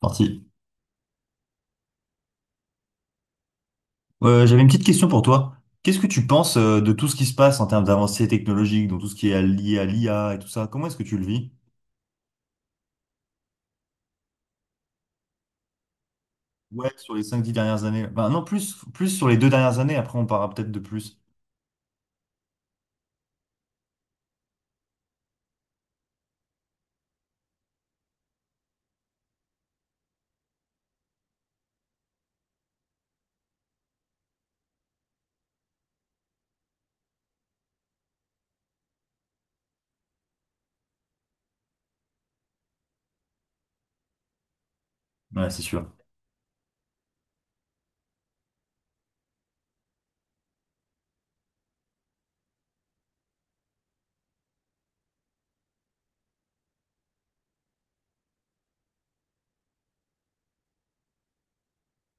Parti. J'avais une petite question pour toi. Qu'est-ce que tu penses de tout ce qui se passe en termes d'avancées technologiques, donc tout ce qui est lié à l'IA et tout ça? Comment est-ce que tu le vis? Ouais, sur les 5 10 dernières années. Enfin, non, plus sur les 2 dernières années, après on parlera peut-être de plus. Ouais, c'est sûr.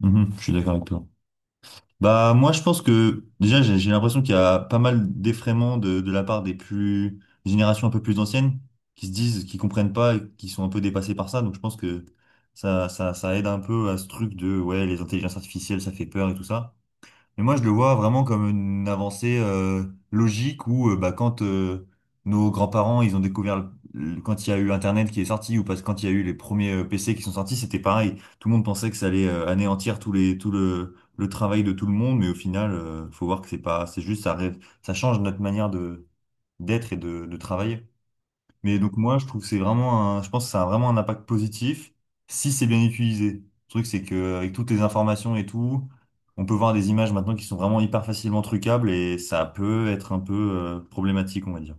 Mhm, je suis d'accord avec toi. Bah, moi, je pense que déjà, j'ai l'impression qu'il y a pas mal d'effraiements de la part des plus des générations un peu plus anciennes qui se disent, qui comprennent pas et qui sont un peu dépassés par ça. Donc, je pense que ça aide un peu à ce truc de, ouais, les intelligences artificielles, ça fait peur et tout ça. Et moi, je le vois vraiment comme une avancée logique où bah, quand nos grands-parents, ils ont découvert, quand il y a eu Internet qui est sorti, ou parce que quand il y a eu les premiers PC qui sont sortis, c'était pareil. Tout le monde pensait que ça allait anéantir tout le travail de tout le monde, mais au final, faut voir que c'est pas, c'est juste, ça, ça change notre manière de d'être et de travailler. Mais donc moi, je trouve que c'est vraiment je pense que ça a vraiment un impact positif si c'est bien utilisé. Le truc, c'est que avec toutes les informations et tout, on peut voir des images maintenant qui sont vraiment hyper facilement trucables et ça peut être un peu problématique, on va dire.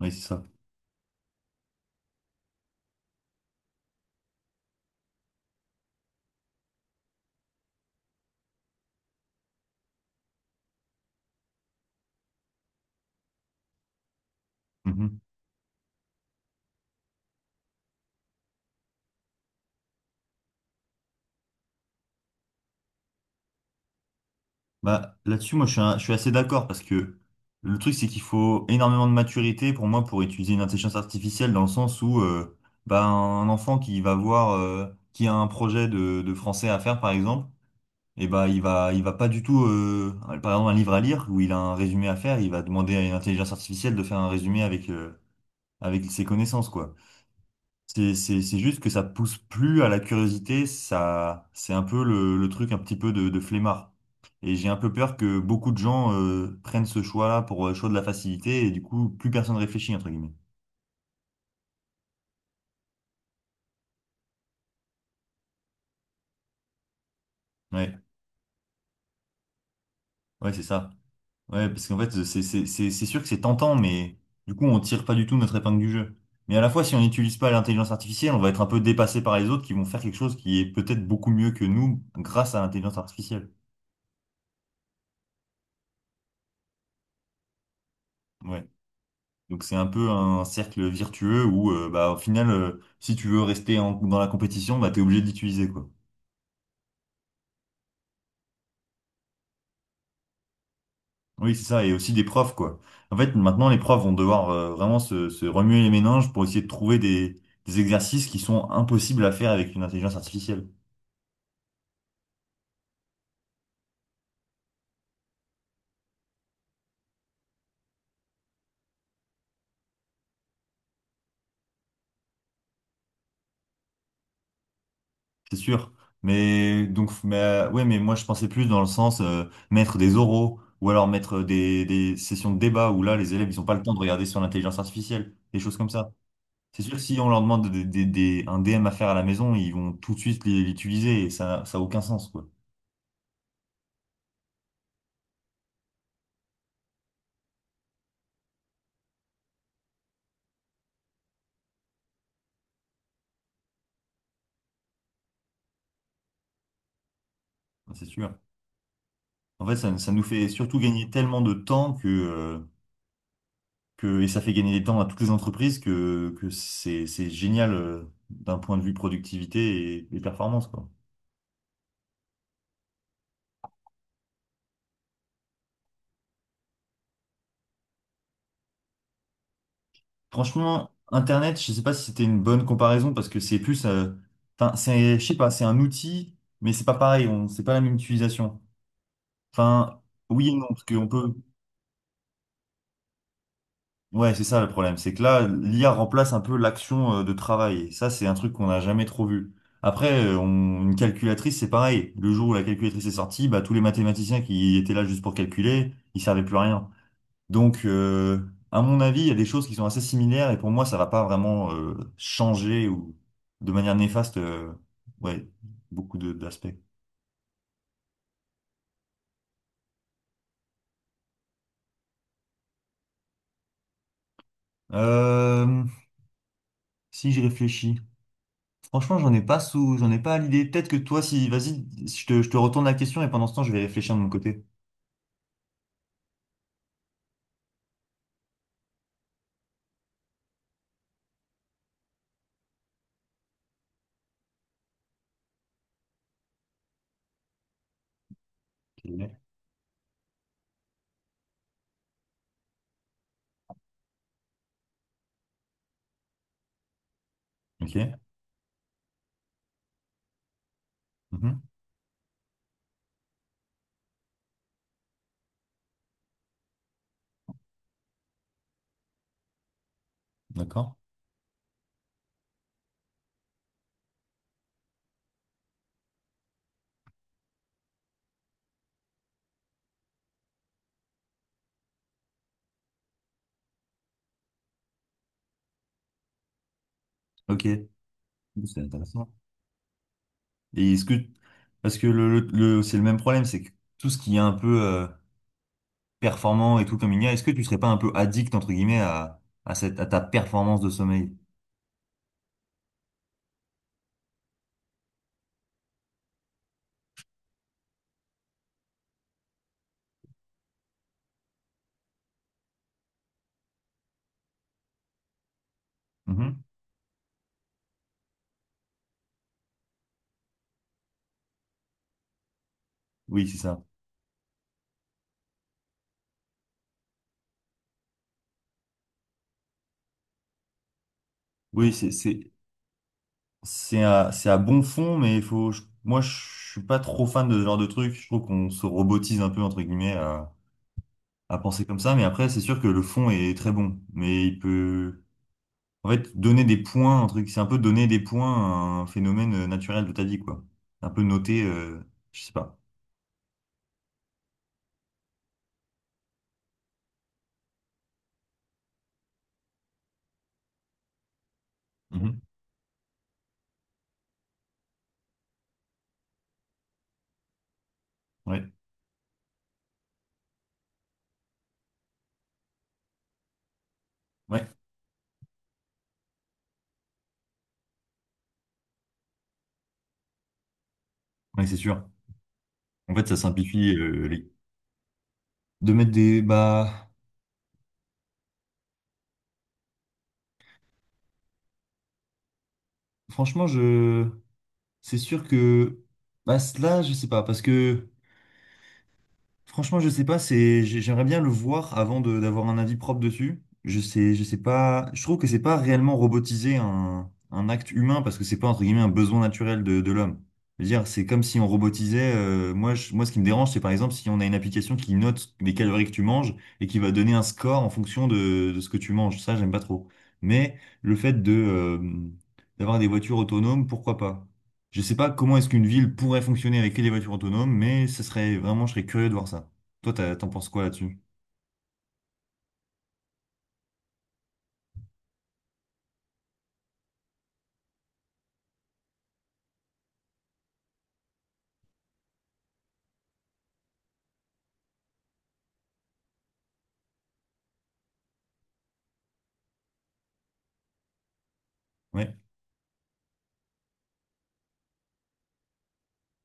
Oui, c'est ça. Mhm. Bah, là-dessus, moi, je suis assez d'accord parce que le truc, c'est qu'il faut énormément de maturité pour moi pour utiliser une intelligence artificielle dans le sens où bah, un enfant qui va voir, qui a un projet de français à faire, par exemple. Et bah, il va pas du tout, par exemple, un livre à lire où il a un résumé à faire, il va demander à une intelligence artificielle de faire un résumé avec ses connaissances, quoi. C'est juste que ça pousse plus à la curiosité, ça, c'est un peu le truc un petit peu de flemmard. Et j'ai un peu peur que beaucoup de gens, prennent ce choix-là pour le choix de la facilité et du coup, plus personne réfléchit, entre guillemets. Ouais, ouais, c'est ça. Ouais, parce qu'en fait, c'est sûr que c'est tentant, mais du coup, on tire pas du tout notre épingle du jeu. Mais à la fois, si on n'utilise pas l'intelligence artificielle, on va être un peu dépassé par les autres qui vont faire quelque chose qui est peut-être beaucoup mieux que nous grâce à l'intelligence artificielle. Ouais. Donc c'est un peu un cercle virtueux où, bah, au final, si tu veux rester dans la compétition, bah, t'es obligé d'utiliser, quoi. Oui, c'est ça. Et aussi des profs, quoi. En fait, maintenant, les profs vont devoir vraiment se remuer les méninges pour essayer de trouver des exercices qui sont impossibles à faire avec une intelligence artificielle. C'est sûr. Mais donc, mais, ouais, mais moi je pensais plus dans le sens mettre des oraux ou alors mettre des sessions de débat où là les élèves ils ont pas le temps de regarder sur l'intelligence artificielle, des choses comme ça. C'est sûr que si on leur demande un DM à faire à la maison, ils vont tout de suite l'utiliser et ça a aucun sens, quoi. Ça, c'est sûr. En fait, ça nous fait surtout gagner tellement de temps que, et ça fait gagner des temps à toutes les entreprises que c'est génial d'un point de vue productivité et performance, quoi. Franchement, Internet, je sais pas si c'était une bonne comparaison parce que c'est plus, enfin, c'est, je sais pas, c'est un outil, mais c'est pas pareil, c'est pas la même utilisation. Enfin, oui et non, parce qu'on peut, ouais, c'est ça le problème, c'est que là, l'IA remplace un peu l'action de travail. Et ça, c'est un truc qu'on n'a jamais trop vu. Après, une calculatrice, c'est pareil. Le jour où la calculatrice est sortie, bah, tous les mathématiciens qui étaient là juste pour calculer, ils servaient plus à rien. Donc, à mon avis, il y a des choses qui sont assez similaires et pour moi, ça va pas vraiment changer ou de manière néfaste, ouais, beaucoup de d'aspects. Euh, si j'y réfléchis, franchement, j'en ai pas à l'idée. Peut-être que toi, si, vas-y, je te retourne la question et pendant ce temps, je vais réfléchir de mon côté. Ok. Mhm. D'accord. Ok. C'est intéressant. Et est-ce que, parce que c'est le même problème, c'est que tout ce qui est un peu performant et tout comme il y a, est-ce que tu serais pas un peu addict, entre guillemets, à ta performance de sommeil? Mhm. Oui, c'est ça. Oui, c'est, c'est à bon fond, mais moi, je suis pas trop fan de ce genre de truc. Je trouve qu'on se robotise un peu, entre guillemets, à penser comme ça. Mais après, c'est sûr que le fond est très bon. Mais il peut, en fait, donner des points, un truc, c'est un peu donner des points à un phénomène naturel de ta vie, quoi. Un peu noter, je sais pas. Mhm. Ouais, ouais, ouais, c'est sûr. En fait, ça simplifie, les. De mettre des. Bah, franchement, je. C'est sûr que. Bah, là, je sais pas. Parce que. Franchement, je sais pas, c'est, j'aimerais bien le voir avant d'avoir un avis propre dessus. Je sais pas, je trouve que c'est pas réellement robotiser un acte humain parce que c'est pas entre guillemets un besoin naturel de l'homme. Je veux dire, c'est comme si on robotisait, moi, ce qui me dérange, c'est par exemple si on a une application qui note les calories que tu manges et qui va donner un score en fonction de ce que tu manges. Ça, j'aime pas trop. Mais le fait de, d'avoir des voitures autonomes, pourquoi pas? Je sais pas comment est-ce qu'une ville pourrait fonctionner avec que des voitures autonomes, mais ce serait vraiment, je serais curieux de voir ça. Toi, t'en penses quoi là-dessus? Ouais,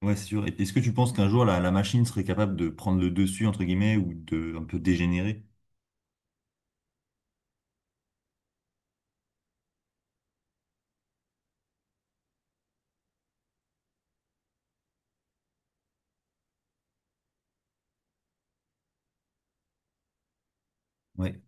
ouais, c'est sûr. Et est-ce que tu penses qu'un jour la machine serait capable de prendre le dessus entre guillemets ou de un peu dégénérer? Ouais,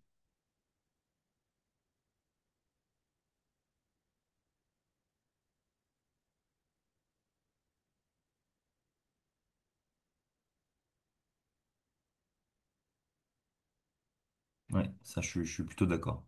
ouais, ça, je suis plutôt d'accord.